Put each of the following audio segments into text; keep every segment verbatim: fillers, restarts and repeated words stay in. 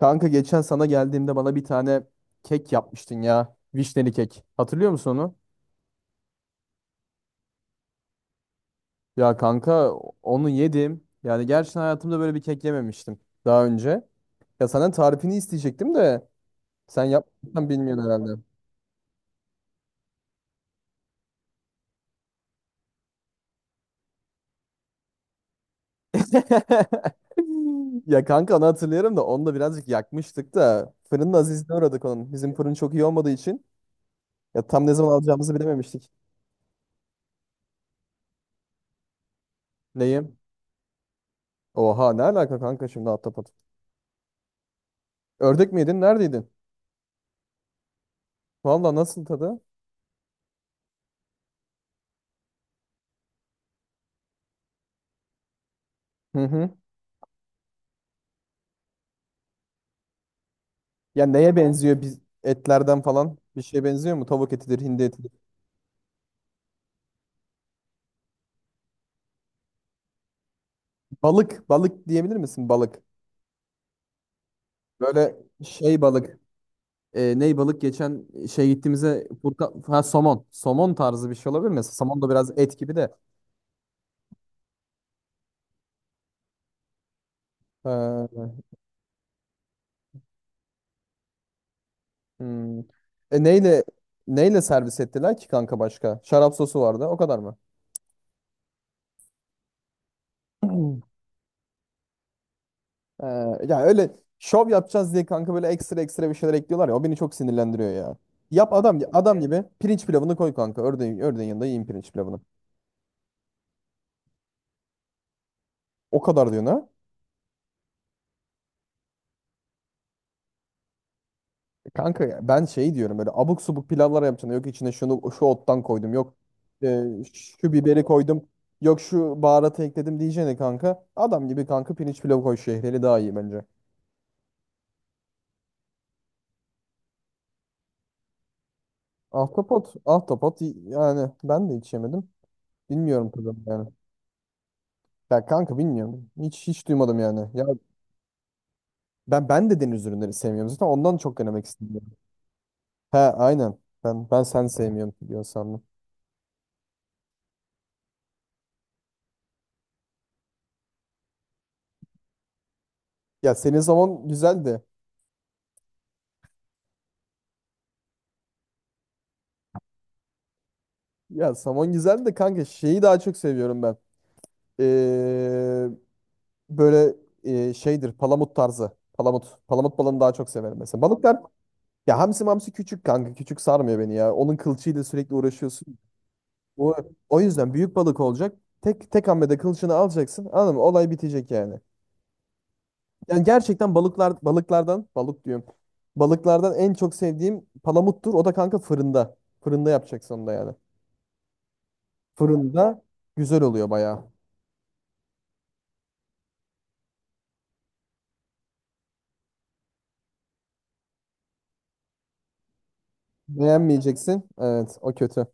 Kanka geçen sana geldiğimde bana bir tane kek yapmıştın ya. Vişneli kek. Hatırlıyor musun onu? Ya kanka onu yedim. Yani gerçekten hayatımda böyle bir kek yememiştim daha önce. Ya senden tarifini isteyecektim de sen yapmışsan bilmiyorsun herhalde. Ya kanka onu hatırlıyorum da onu da birazcık yakmıştık da fırının azizliğine uğradık onun. Bizim fırın çok iyi olmadığı için ya tam ne zaman alacağımızı bilememiştik. Neyi? Oha ne alaka kanka şimdi ahtapot. Ördek mi yedin? Neredeydin? Valla nasıl tadı? Hı hı. Ya neye benziyor biz etlerden falan? Bir şeye benziyor mu? Tavuk etidir, hindi etidir. Balık, balık diyebilir misin? Balık. Böyle şey balık. E, ney balık geçen şey gittiğimizde Furkan, ha, somon. Somon tarzı bir şey olabilir mi? Somon da biraz et gibi de. Ha, hmm. E, neyle neyle servis ettiler ki kanka başka? Şarap sosu vardı. O kadar mı? Ee, ya öyle şov yapacağız diye kanka böyle ekstra ekstra bir şeyler ekliyorlar ya o beni çok sinirlendiriyor ya. Yap adam adam gibi pirinç pilavını koy kanka. Ördeğin, ördeğin yanında yiyin pirinç pilavını. O kadar diyorsun ha. E Kanka ya ben şey diyorum böyle abuk subuk pilavlar yapacaksın. Yok içine şunu şu ottan koydum. Yok e, şu biberi koydum. Yok şu baharatı ekledim diyeceğine kanka. Adam gibi kanka pirinç pilavı koy şehriyeli daha iyi bence. Ahtapot, ahtapot y- yani ben de hiç yemedim. Bilmiyorum tadım yani. Ya kanka bilmiyorum. Hiç hiç duymadım yani. Ya Ben ben de deniz ürünleri sevmiyorum zaten. Ondan çok denemek istemiyorum. He aynen. Ben ben sen sevmiyorum diyor sandım. Ya senin zaman güzeldi. Ya somon güzeldi de kanka şeyi daha çok seviyorum ben. Ee, böyle e, şeydir palamut tarzı. Palamut. Palamut balığını daha çok severim mesela. Balıklar ya hamsi mamsi küçük kanka. Küçük sarmıyor beni ya. Onun kılçığıyla sürekli uğraşıyorsun. O, o yüzden büyük balık olacak. Tek tek hamlede kılçığını alacaksın. Anladın mı? Olay bitecek yani. Yani gerçekten balıklar balıklardan balık diyorum. Balıklardan en çok sevdiğim palamuttur. O da kanka fırında. Fırında yapacaksın onu da yani. Fırında güzel oluyor bayağı. Beğenmeyeceksin. Evet, o kötü.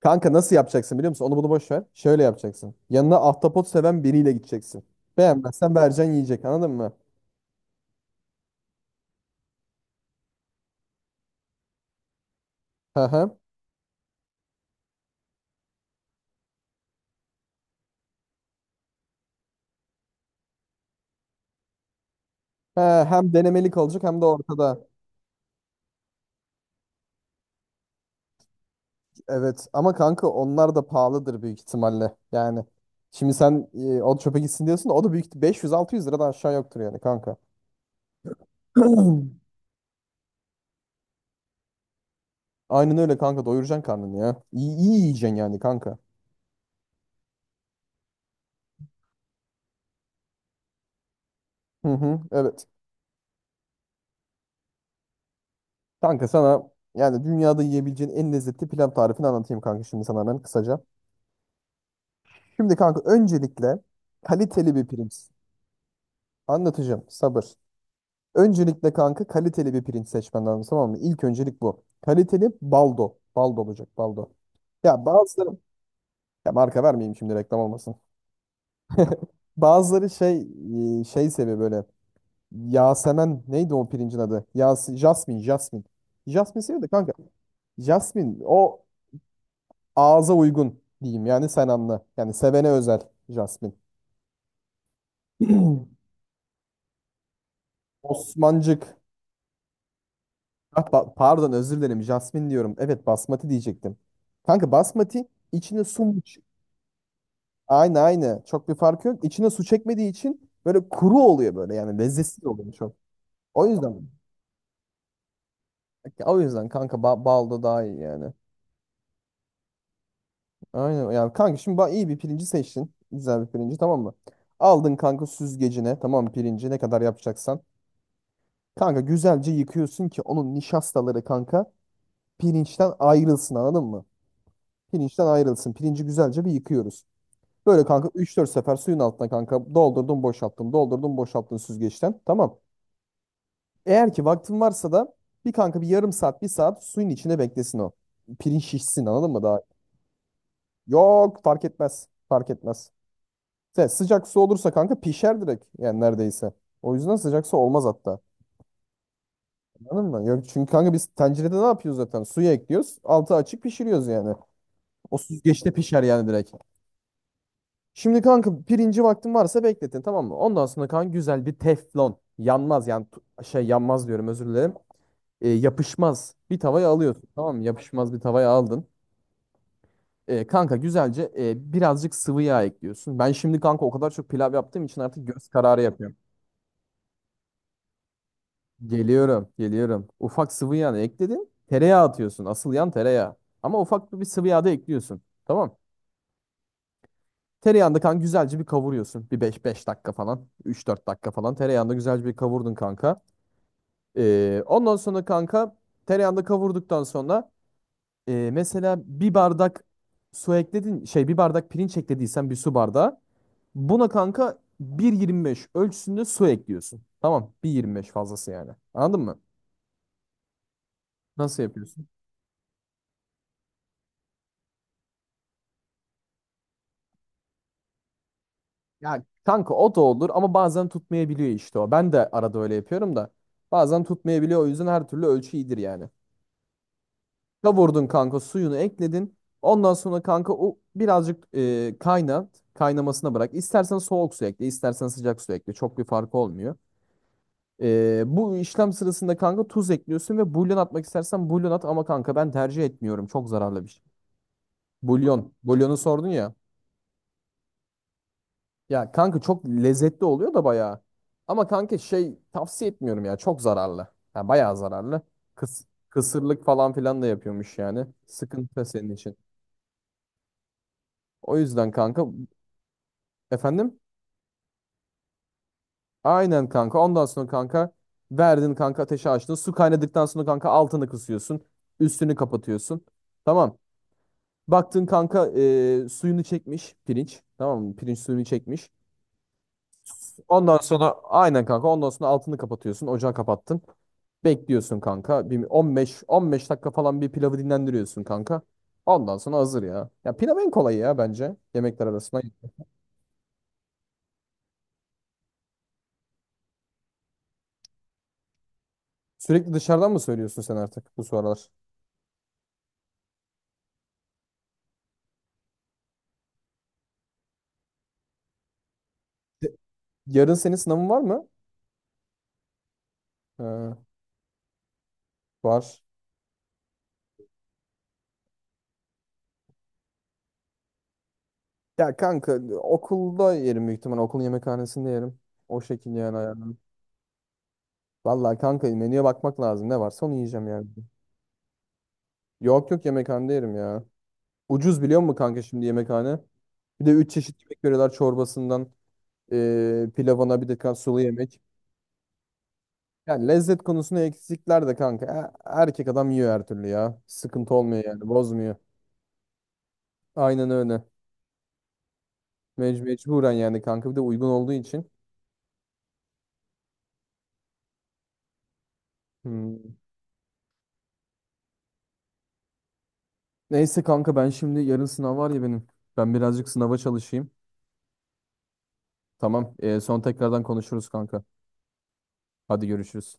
Kanka nasıl yapacaksın biliyor musun? Onu bunu boş ver. Şöyle yapacaksın. Yanına ahtapot seven biriyle gideceksin. Beğenmezsen vereceksin yiyecek. Anladın mı? Hı hı. He, hem denemelik olacak hem de ortada. Evet ama kanka onlar da pahalıdır büyük ihtimalle. Yani şimdi sen e, o çöpe gitsin diyorsun da o da büyük beş yüz altı yüz liradan aşağı yoktur yani kanka. Aynen öyle kanka doyuracaksın karnını ya. İyi, iyi yiyeceksin yani kanka. Hı hı, evet. Kanka sana yani dünyada yiyebileceğin en lezzetli pilav tarifini anlatayım kanka şimdi sana hemen kısaca. Şimdi kanka öncelikle kaliteli bir pirinç. Anlatacağım sabır. Öncelikle kanka kaliteli bir pirinç seçmen lazım tamam mı? İlk öncelik bu. Kaliteli baldo. Baldo olacak baldo. Ya bazıları ya marka vermeyeyim şimdi reklam olmasın. Bazıları şey e, şey seviyor böyle. Yasemen neydi o pirincin adı? Yas Jasmin, Jasmin. Jasmin seviyor da kanka. Jasmin o ağza uygun diyeyim yani sen anla. Yani sevene özel Jasmin. Osmancık. Ah, pa- pardon özür dilerim Jasmin diyorum. Evet basmati diyecektim. Kanka basmati içine su mu? Ç- Aynı aynı. Çok bir fark yok. İçine su çekmediği için böyle kuru oluyor böyle yani lezzetsiz oluyor çok. O yüzden. Ya o yüzden kanka ba balda daha iyi yani. Aynen yani kanka şimdi ba iyi bir pirinci seçtin. Güzel bir pirinci tamam mı? Aldın kanka süzgecine tamam mı, pirinci ne kadar yapacaksan. Kanka güzelce yıkıyorsun ki onun nişastaları kanka pirinçten ayrılsın anladın mı? Pirinçten ayrılsın. Pirinci güzelce bir yıkıyoruz. Böyle kanka üç dört sefer suyun altına kanka doldurdum boşalttım doldurdum boşalttın süzgeçten tamam. Eğer ki vaktin varsa da bir kanka bir yarım saat bir saat suyun içine beklesin o. Pirinç şişsin anladın mı daha. Yok fark etmez. Fark etmez. Se- sıcak su olursa kanka pişer direkt. Yani neredeyse. O yüzden sıcak su olmaz hatta. Anladın mı? Yok çünkü kanka biz tencerede ne yapıyoruz zaten? Suyu ekliyoruz. Altı açık pişiriyoruz yani. O süzgeçte pişer yani direkt. Şimdi kanka pirinci vaktin varsa bekletin tamam mı? Ondan sonra kanka güzel bir teflon. Yanmaz yani tu- şey yanmaz diyorum özür dilerim. E, yapışmaz bir tavaya alıyorsun tamam mı? Yapışmaz bir tavaya aldın. E, kanka güzelce e, birazcık sıvı yağ ekliyorsun. Ben şimdi kanka o kadar çok pilav yaptığım için artık göz kararı yapıyorum. Geliyorum, geliyorum. Ufak sıvı yağını ekledin. Tereyağı atıyorsun. Asıl yan tereyağı. Ama ufak bir sıvı yağ da ekliyorsun. Tamam. Tereyağını da kanka güzelce bir kavuruyorsun. Bir beş beş dakika falan. Üç dört dakika falan. Tereyağını da güzelce bir kavurdun kanka. E, ondan sonra kanka tereyağını da kavurduktan sonra e, mesela bir bardak su ekledin. Şey bir bardak pirinç eklediysen bir su bardağı. Buna kanka bir virgül yirmi beş ölçüsünde su ekliyorsun. Tamam bir virgül yirmi beş fazlası yani. Anladın mı? Nasıl yapıyorsun? Ya kanka o da olur ama bazen tutmayabiliyor işte o. Ben de arada öyle yapıyorum da. Bazen tutmayabiliyor o yüzden her türlü ölçü iyidir yani. Kavurdun kanka suyunu ekledin. Ondan sonra kanka o birazcık e, kaynat. Kaynamasına bırak. İstersen soğuk su ekle, istersen sıcak su ekle. Çok bir farkı olmuyor. Ee, bu işlem sırasında kanka tuz ekliyorsun ve bulyon atmak istersen bulyon at ama kanka ben tercih etmiyorum. Çok zararlı bir şey. Bulyon. Bulyonu sordun ya. Ya kanka çok lezzetli oluyor da bayağı. Ama kanka şey tavsiye etmiyorum ya. Çok zararlı. Ya bayağı zararlı. Kıs kısırlık falan filan da yapıyormuş yani. Sıkıntı senin için. O yüzden kanka efendim? Aynen kanka. Ondan sonra kanka verdin kanka ateşi açtın. Su kaynadıktan sonra kanka altını kısıyorsun. Üstünü kapatıyorsun. Tamam. Baktın kanka e, suyunu çekmiş pirinç. Tamam mı? Pirinç suyunu çekmiş. Ondan sonra aynen kanka ondan sonra altını kapatıyorsun. Ocağı kapattın. Bekliyorsun kanka. Bir on beş on beş dakika falan bir pilavı dinlendiriyorsun kanka. Ondan sonra hazır ya. Ya pilav en kolayı ya bence yemekler arasında. Sürekli dışarıdan mı söylüyorsun sen artık bu sıralar? De- Yarın senin sınavın var mı? Ee, var. Ya kanka okulda yerim büyük ihtimal. Okulun yemekhanesinde yerim. O şekilde yani ayarlar. Vallahi kanka menüye bakmak lazım. Ne varsa onu yiyeceğim yani. Yok yok yemekhanede yerim ya. Ucuz biliyor musun kanka şimdi yemekhane? Bir de üç çeşit yemek veriyorlar çorbasından e, pilavına bir de kan sulu yemek. Yani lezzet konusunda eksikler de kanka. E, Erkek adam yiyor her türlü ya. Sıkıntı olmuyor yani bozmuyor. Aynen öyle. Mec mecburen yani kanka bir de uygun olduğu için. Hmm. Neyse kanka ben şimdi yarın sınav var ya benim. Ben birazcık sınava çalışayım. Tamam. E, son tekrardan konuşuruz kanka. Hadi görüşürüz.